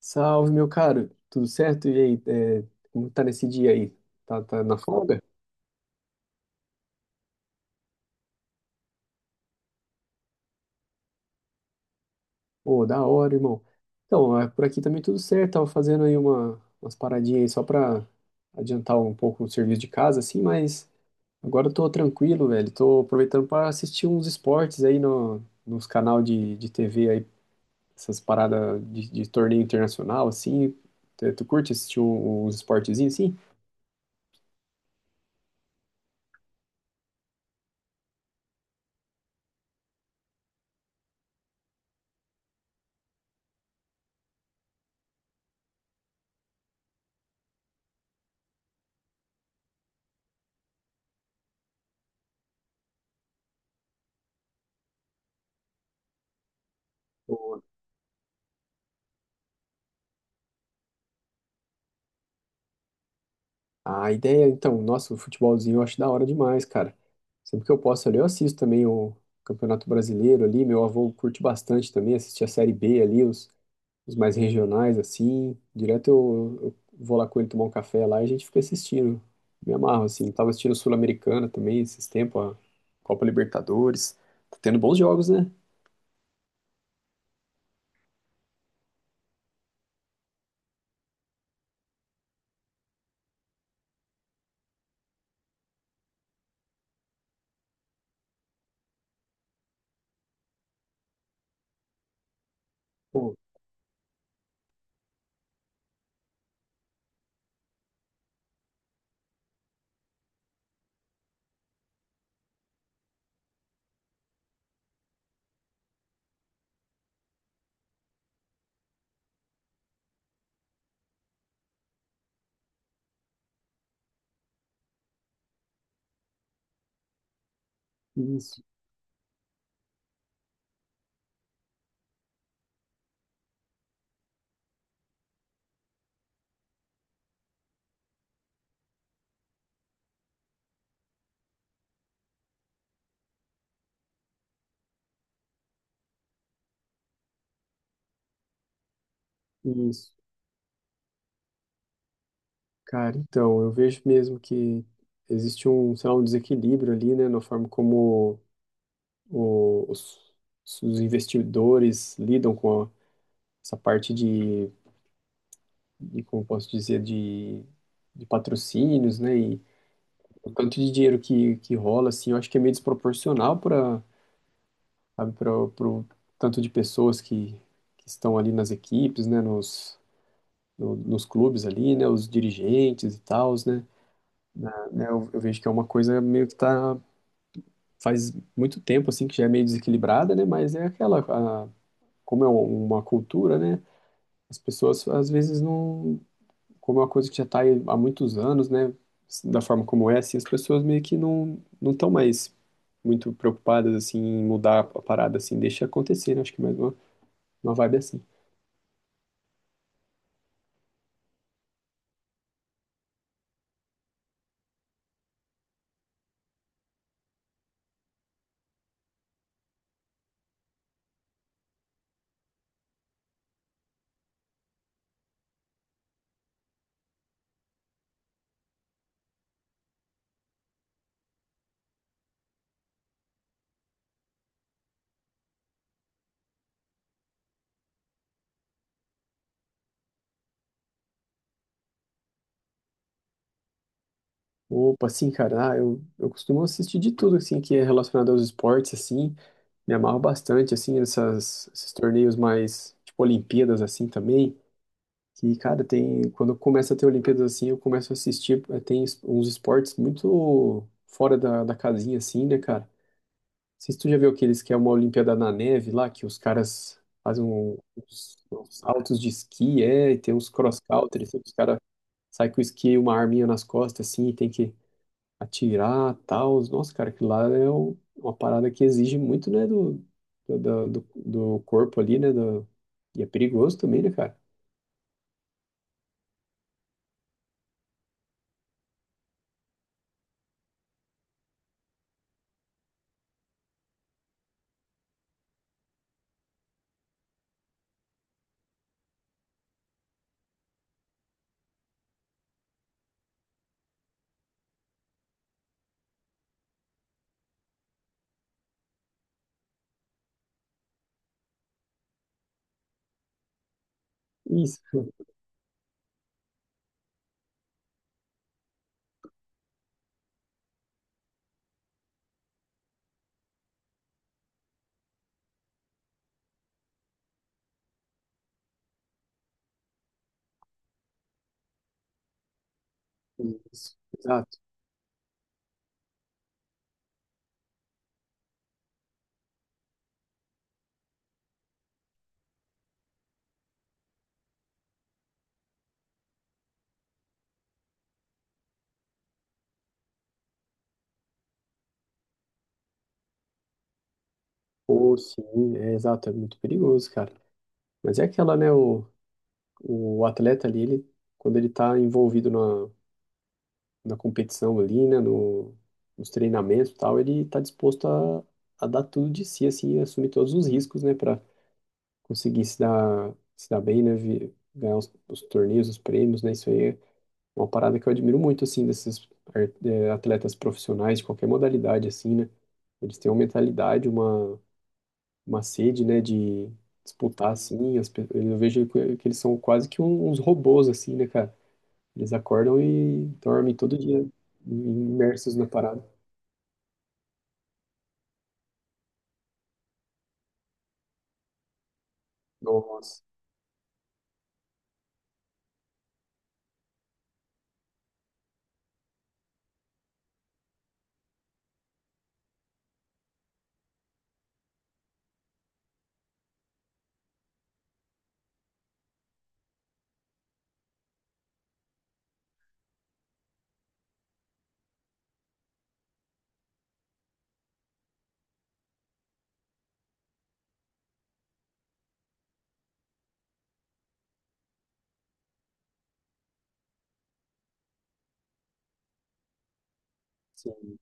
Salve, meu caro. Tudo certo? E aí, é, como tá nesse dia aí? Tá na folga? Ô, da hora, irmão. Então, por aqui também tudo certo. Tava fazendo aí umas paradinhas aí só pra adiantar um pouco o serviço de casa, assim, mas agora eu tô tranquilo, velho. Tô aproveitando pra assistir uns esportes aí no, nos canal de TV aí, essas paradas de torneio internacional, assim. Tu curte assistir uns esportezinhos, assim? A ideia, então, nossa, o futebolzinho eu acho da hora demais, cara. Sempre que eu posso ali, eu assisto também o Campeonato Brasileiro ali. Meu avô curte bastante também, assistir a Série B ali, os mais regionais, assim. Direto eu vou lá com ele tomar um café lá e a gente fica assistindo. Me amarro, assim. Tava assistindo Sul-Americana também esses tempos, a Copa Libertadores. Tá tendo bons jogos, né? Pô, isso, isso. Cara, então, eu vejo mesmo que existe sei lá, um desequilíbrio ali, né, na forma como o- os, os investidores lidam essa parte como eu posso dizer, de patrocínios, né? E o tanto de dinheiro que rola, assim, eu acho que é meio desproporcional para o tanto de pessoas que estão ali nas equipes, né? Nos, no- nos clubes ali, né? Os dirigentes e tals, né? Eu vejo que é uma coisa meio que tá, faz muito tempo, assim, que já é meio desequilibrada, né? Mas é aquela, como é uma cultura, né? As pessoas às vezes não, como é uma coisa que já está há muitos anos, né, da forma como é, assim, as pessoas meio que não estão mais muito preocupadas assim em mudar a parada assim, deixa acontecer, né? Acho que é mais uma vibe assim. Opa, assim, cara, ah, eu costumo assistir de tudo assim que é relacionado aos esportes assim, me amarro bastante assim essas esses torneios mais tipo Olimpíadas assim também. Que, cara, tem. Quando começa a ter Olimpíadas assim, eu começo a assistir. Tem uns esportes muito fora da, da casinha, assim, né, cara? Não sei se tu já viu aqueles que é uma Olimpíada na neve lá, que os caras fazem uns saltos de esqui, é, e tem uns cross-country, assim, que os caras saem com o esqui e uma arminha nas costas, assim, e tem que atirar tal. Nossa, cara, aquilo lá é uma parada que exige muito, né, do corpo ali, né? Do, e é perigoso também, né, cara? Isso. Isso, exato. Ou sim, é exato, é muito perigoso, cara. Mas é aquela, né? O atleta ali, ele, quando ele tá envolvido na competição ali, né? No, nos treinamentos e tal, ele tá disposto a dar tudo de si, assim, e assumir todos os riscos, né? Pra conseguir se dar bem, né? Ganhar os torneios, os prêmios, né? Isso aí é uma parada que eu admiro muito, assim, desses atletas profissionais de qualquer modalidade, assim, né? Eles têm uma mentalidade, uma sede, né, de disputar assim, eu vejo que eles são quase que uns robôs assim, né, cara? Eles acordam e dormem todo dia imersos na parada. Nossa, sim.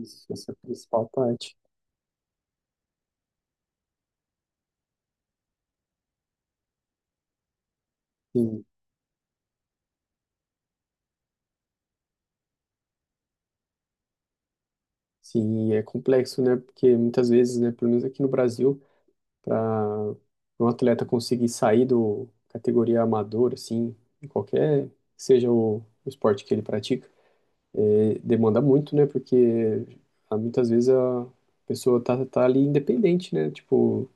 Isso, essa é a principal parte. Sim, sim, e é complexo, né? Porque muitas vezes, né, pelo menos aqui no Brasil, para um atleta conseguir sair do categoria amador, assim, em qualquer seja o esporte que ele pratica. É, demanda muito, né? Porque ah, muitas vezes a pessoa tá ali independente, né? Tipo,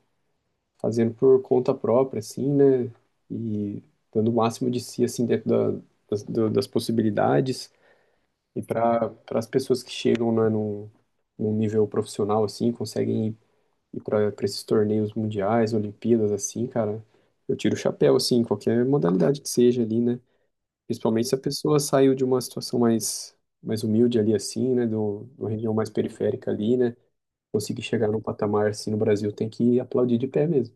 fazendo por conta própria, assim, né? E dando o máximo de si, assim, das possibilidades. E para as pessoas que chegam, né, num nível profissional, assim, conseguem ir para esses torneios mundiais, Olimpíadas, assim, cara, eu tiro o chapéu, assim, em qualquer modalidade que seja ali, né? Principalmente se a pessoa saiu de uma situação mais humilde ali assim, né, de uma região mais periférica ali, né, conseguir chegar num patamar assim no Brasil tem que aplaudir de pé mesmo.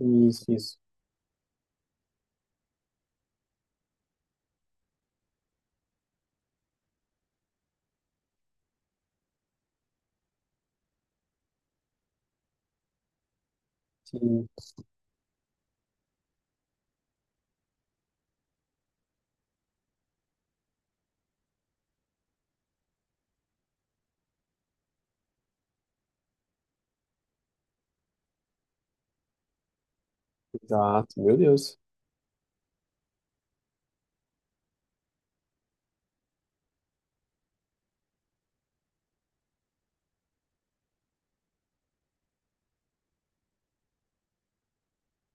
Isso, isso. Sim, exato. Meu Deus.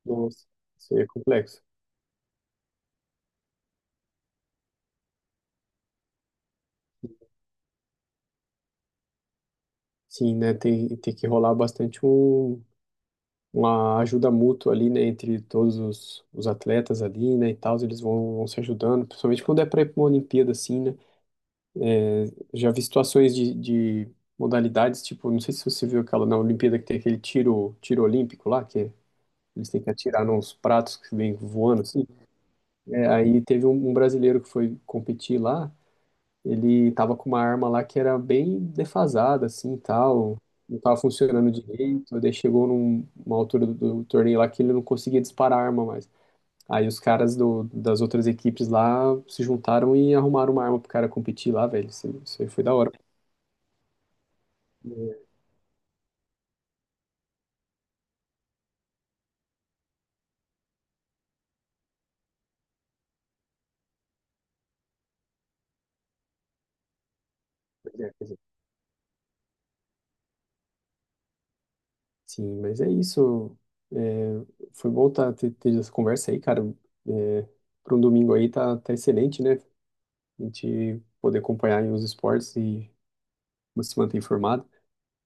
Nossa, isso aí é complexo. Sim, né, tem que rolar bastante uma ajuda mútua ali, né, entre todos os atletas ali, né, e tal, vão se ajudando, principalmente quando é para ir para uma Olimpíada assim, né. Já vi situações de modalidades, tipo, não sei se você viu aquela na Olimpíada que tem aquele tiro, tiro olímpico lá, que eles têm que atirar nos pratos que vem voando, assim. É, aí teve um brasileiro que foi competir lá, ele tava com uma arma lá que era bem defasada, assim, tal, não tava funcionando direito, daí chegou numa altura do torneio lá que ele não conseguia disparar a arma mais. Aí os caras das outras equipes lá se juntaram e arrumaram uma arma pro cara competir lá, velho. Isso aí foi da hora. Sim, mas é isso. É, foi bom ter essa conversa aí, cara. É, para um domingo aí tá excelente, né? A gente poder acompanhar aí os esportes e se manter informado.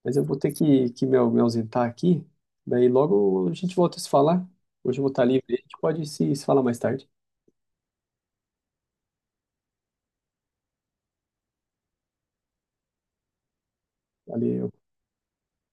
Mas eu vou ter que me ausentar aqui. Daí logo a gente volta a se falar. Hoje eu vou estar livre, a gente pode se falar mais tarde. Valeu.